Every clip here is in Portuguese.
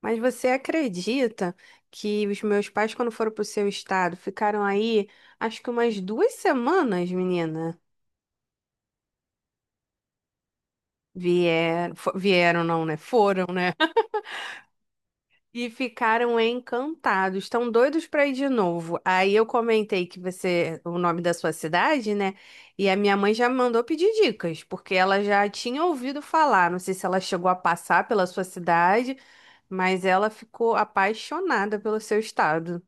Mas você acredita que os meus pais, quando foram pro seu estado, ficaram aí, acho que umas duas semanas, menina? Vieram, vieram não, né? Foram, né? E ficaram encantados, estão doidos para ir de novo. Aí eu comentei que você, o nome da sua cidade, né? E a minha mãe já me mandou pedir dicas, porque ela já tinha ouvido falar. Não sei se ela chegou a passar pela sua cidade, mas ela ficou apaixonada pelo seu estado.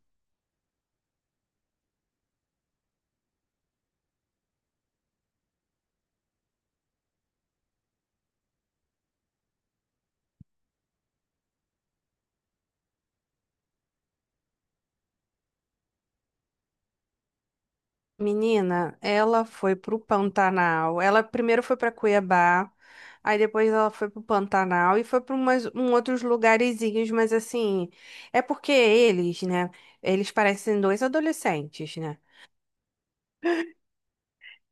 Menina, ela foi pro Pantanal. Ela primeiro foi pra Cuiabá, aí depois ela foi pro Pantanal e foi para umas um outros lugarzinhos, mas assim, é porque eles, né, eles parecem dois adolescentes, né?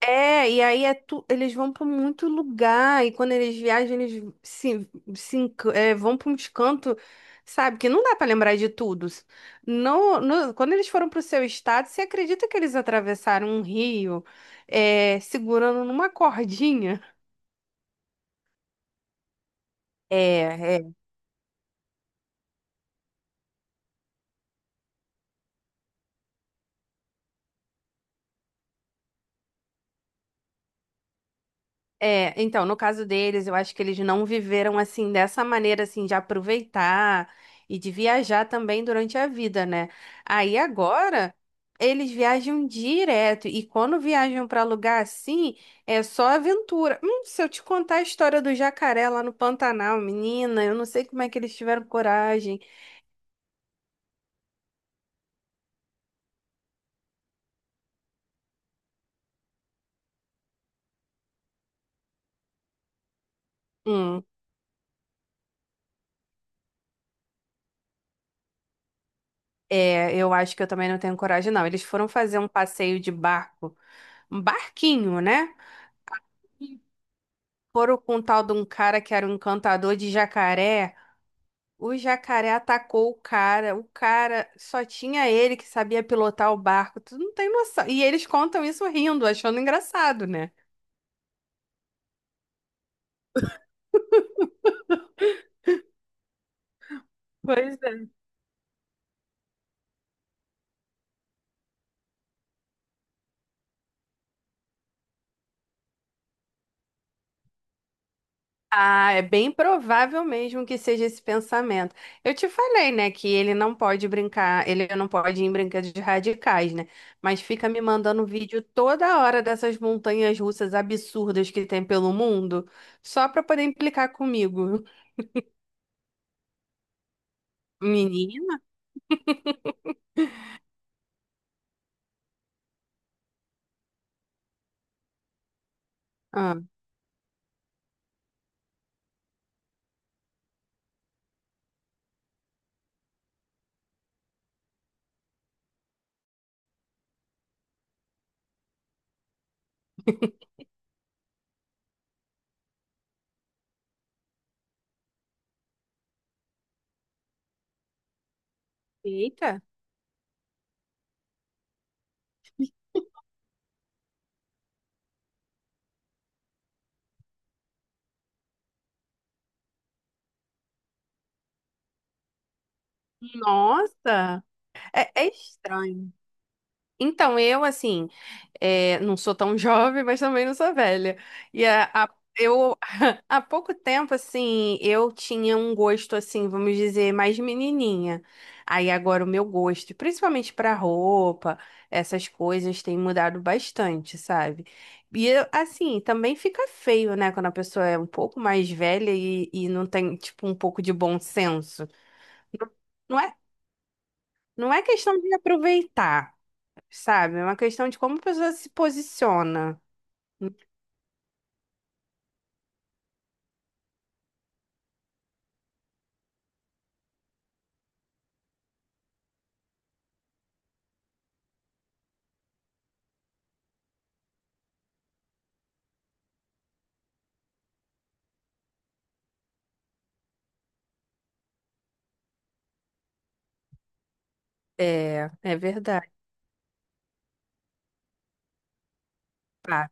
É, e aí é eles vão para muito lugar, e quando eles viajam, eles se, se enc- é, vão para uns cantos, sabe? Que não dá para lembrar de tudo. Quando eles foram para o seu estado, você acredita que eles atravessaram um rio, é, segurando numa cordinha? É, é, então, no caso deles, eu acho que eles não viveram assim dessa maneira assim de aproveitar e de viajar também durante a vida, né? Aí agora eles viajam direto e quando viajam para lugar assim, é só aventura. Se eu te contar a história do jacaré lá no Pantanal, menina, eu não sei como é que eles tiveram coragem. Hum, é, eu acho que eu também não tenho coragem, não. Eles foram fazer um passeio de barco, um barquinho, né? Foram com um tal de um cara que era um encantador de jacaré. O jacaré atacou o cara. O cara só tinha ele que sabia pilotar o barco. Tu não tem noção. E eles contam isso rindo, achando engraçado, né? Pois é. Ah, é bem provável mesmo que seja esse pensamento. Eu te falei, né, que ele não pode brincar, ele não pode ir em brinquedos radicais, né? Mas fica me mandando vídeo toda hora dessas montanhas russas absurdas que tem pelo mundo, só pra poder implicar comigo. Menina? Ah, eita, nossa, é, é estranho. Então, eu, assim, é, não sou tão jovem, mas também não sou velha. E eu, há pouco tempo, assim, eu tinha um gosto, assim, vamos dizer, mais menininha. Aí agora o meu gosto, principalmente pra roupa, essas coisas, tem mudado bastante, sabe? E, eu, assim, também fica feio, né, quando a pessoa é um pouco mais velha e não tem, tipo, um pouco de bom senso. Não é, não é questão de aproveitar, sabe? É uma questão de como a pessoa se posiciona. É, é verdade. Pá.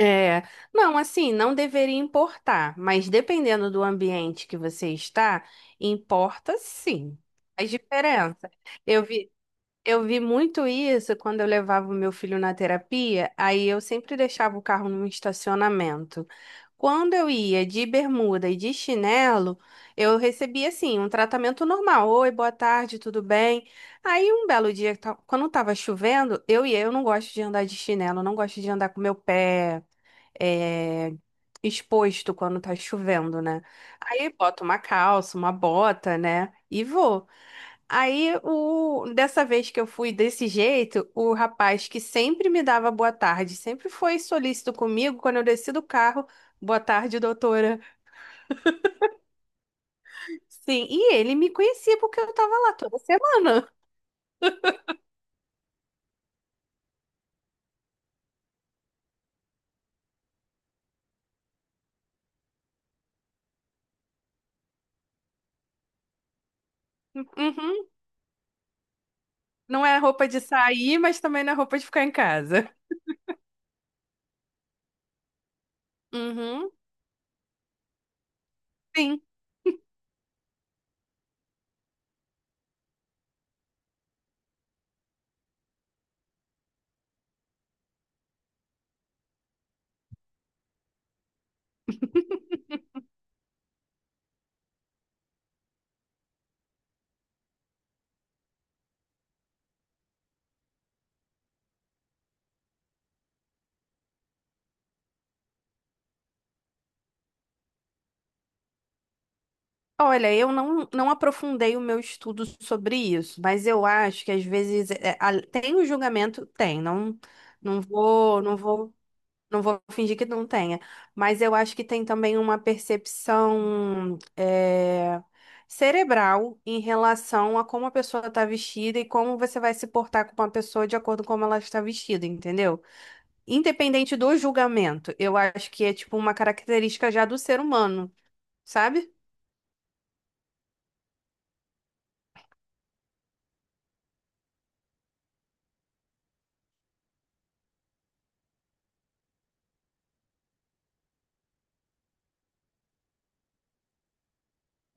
É, não, assim, não deveria importar, mas dependendo do ambiente que você está, importa sim. Faz diferença. Eu vi, eu vi muito isso quando eu levava o meu filho na terapia, aí eu sempre deixava o carro num estacionamento. Quando eu ia de bermuda e de chinelo, eu recebia assim um tratamento normal. Oi, boa tarde, tudo bem? Aí um belo dia, quando estava chovendo, eu ia, eu não gosto de andar de chinelo, não gosto de andar com meu pé eh, exposto quando tá chovendo, né? Aí boto uma calça, uma bota, né? E vou. Aí, dessa vez que eu fui desse jeito, o rapaz que sempre me dava boa tarde, sempre foi solícito comigo quando eu desci do carro, boa tarde, doutora. Sim, e ele me conhecia porque eu tava lá toda semana. Uhum. Não é roupa de sair, mas também não é roupa de ficar em casa. Uhum. Sim. Olha, eu não, não aprofundei o meu estudo sobre isso, mas eu acho que às vezes é, tem o julgamento, tem, não, não vou, não vou, não vou fingir que não tenha, mas eu acho que tem também uma percepção é, cerebral em relação a como a pessoa está vestida e como você vai se portar com uma pessoa de acordo com como ela está vestida, entendeu? Independente do julgamento, eu acho que é tipo uma característica já do ser humano, sabe?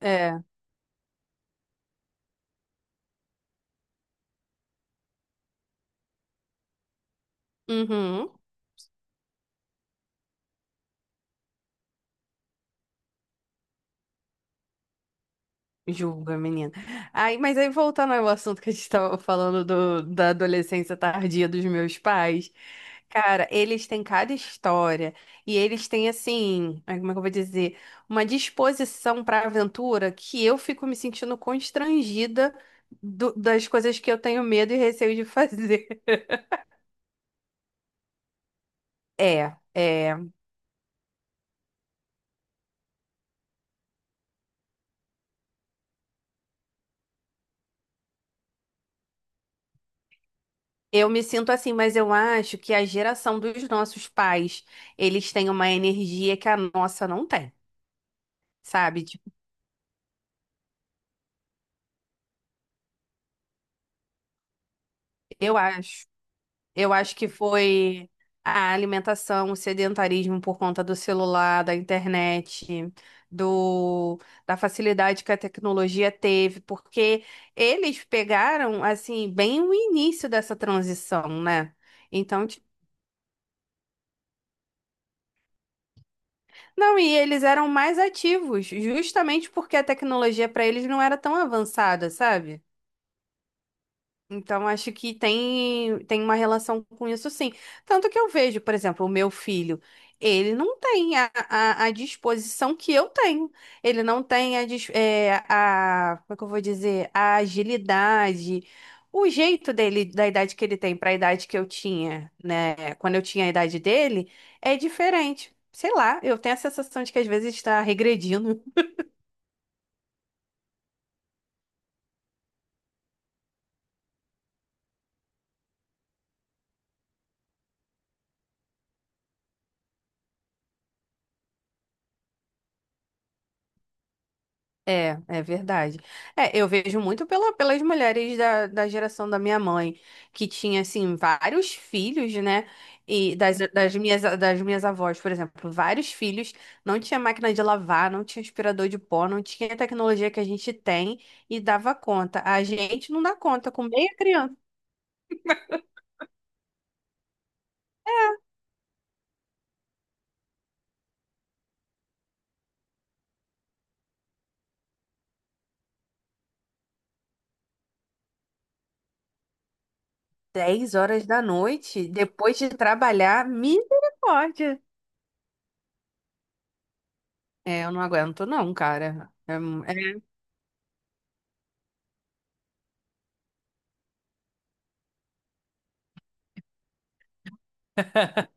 É. Uhum. Julga menina. Aí, mas aí voltando ao assunto que a gente estava falando do, da adolescência tardia dos meus pais, cara, eles têm cada história e eles têm assim, ai, como é que eu vou dizer, uma disposição para aventura que eu fico me sentindo constrangida das coisas que eu tenho medo e receio de fazer. É, é. Eu me sinto assim, mas eu acho que a geração dos nossos pais, eles têm uma energia que a nossa não tem, sabe? Tipo, eu acho. Eu acho que foi a alimentação, o sedentarismo por conta do celular, da internet, do, da facilidade que a tecnologia teve, porque eles pegaram, assim, bem o início dessa transição, né? Então, tipo, não, e eles eram mais ativos, justamente porque a tecnologia para eles não era tão avançada, sabe? Então, acho que tem, tem uma relação com isso, sim. Tanto que eu vejo, por exemplo, o meu filho, ele não tem a disposição que eu tenho. Ele não tem a, a, como é que eu vou dizer, a agilidade, o jeito dele, da idade que ele tem para a idade que eu tinha, né? Quando eu tinha a idade dele, é diferente. Sei lá, eu tenho a sensação de que às vezes está regredindo. É, é verdade. É, eu vejo muito pela, pelas mulheres da, da geração da minha mãe, que tinha, assim, vários filhos, né? E das minhas avós, por exemplo, vários filhos, não tinha máquina de lavar, não tinha aspirador de pó, não tinha a tecnologia que a gente tem e dava conta. A gente não dá conta com meia criança. 10 horas da noite, depois de trabalhar, misericórdia. É, eu não aguento não, cara. É, é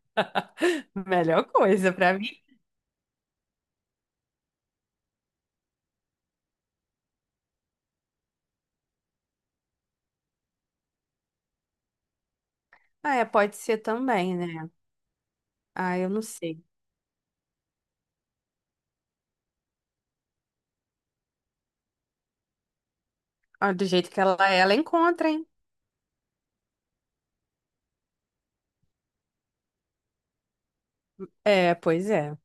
a melhor coisa pra mim. Ah, é, pode ser também, né? Ah, eu não sei. Ah, do jeito que ela é, ela encontra, hein? É, pois é.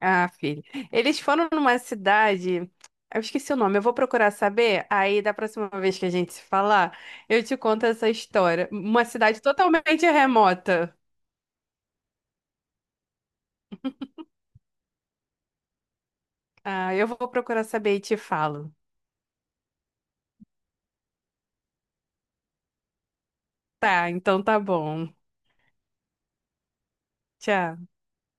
Ah, filho. Eles foram numa cidade. Eu esqueci o nome, eu vou procurar saber. Aí, da próxima vez que a gente se falar, eu te conto essa história. Uma cidade totalmente remota. Ah, eu vou procurar saber e te falo. Tá, então tá bom. Tchau.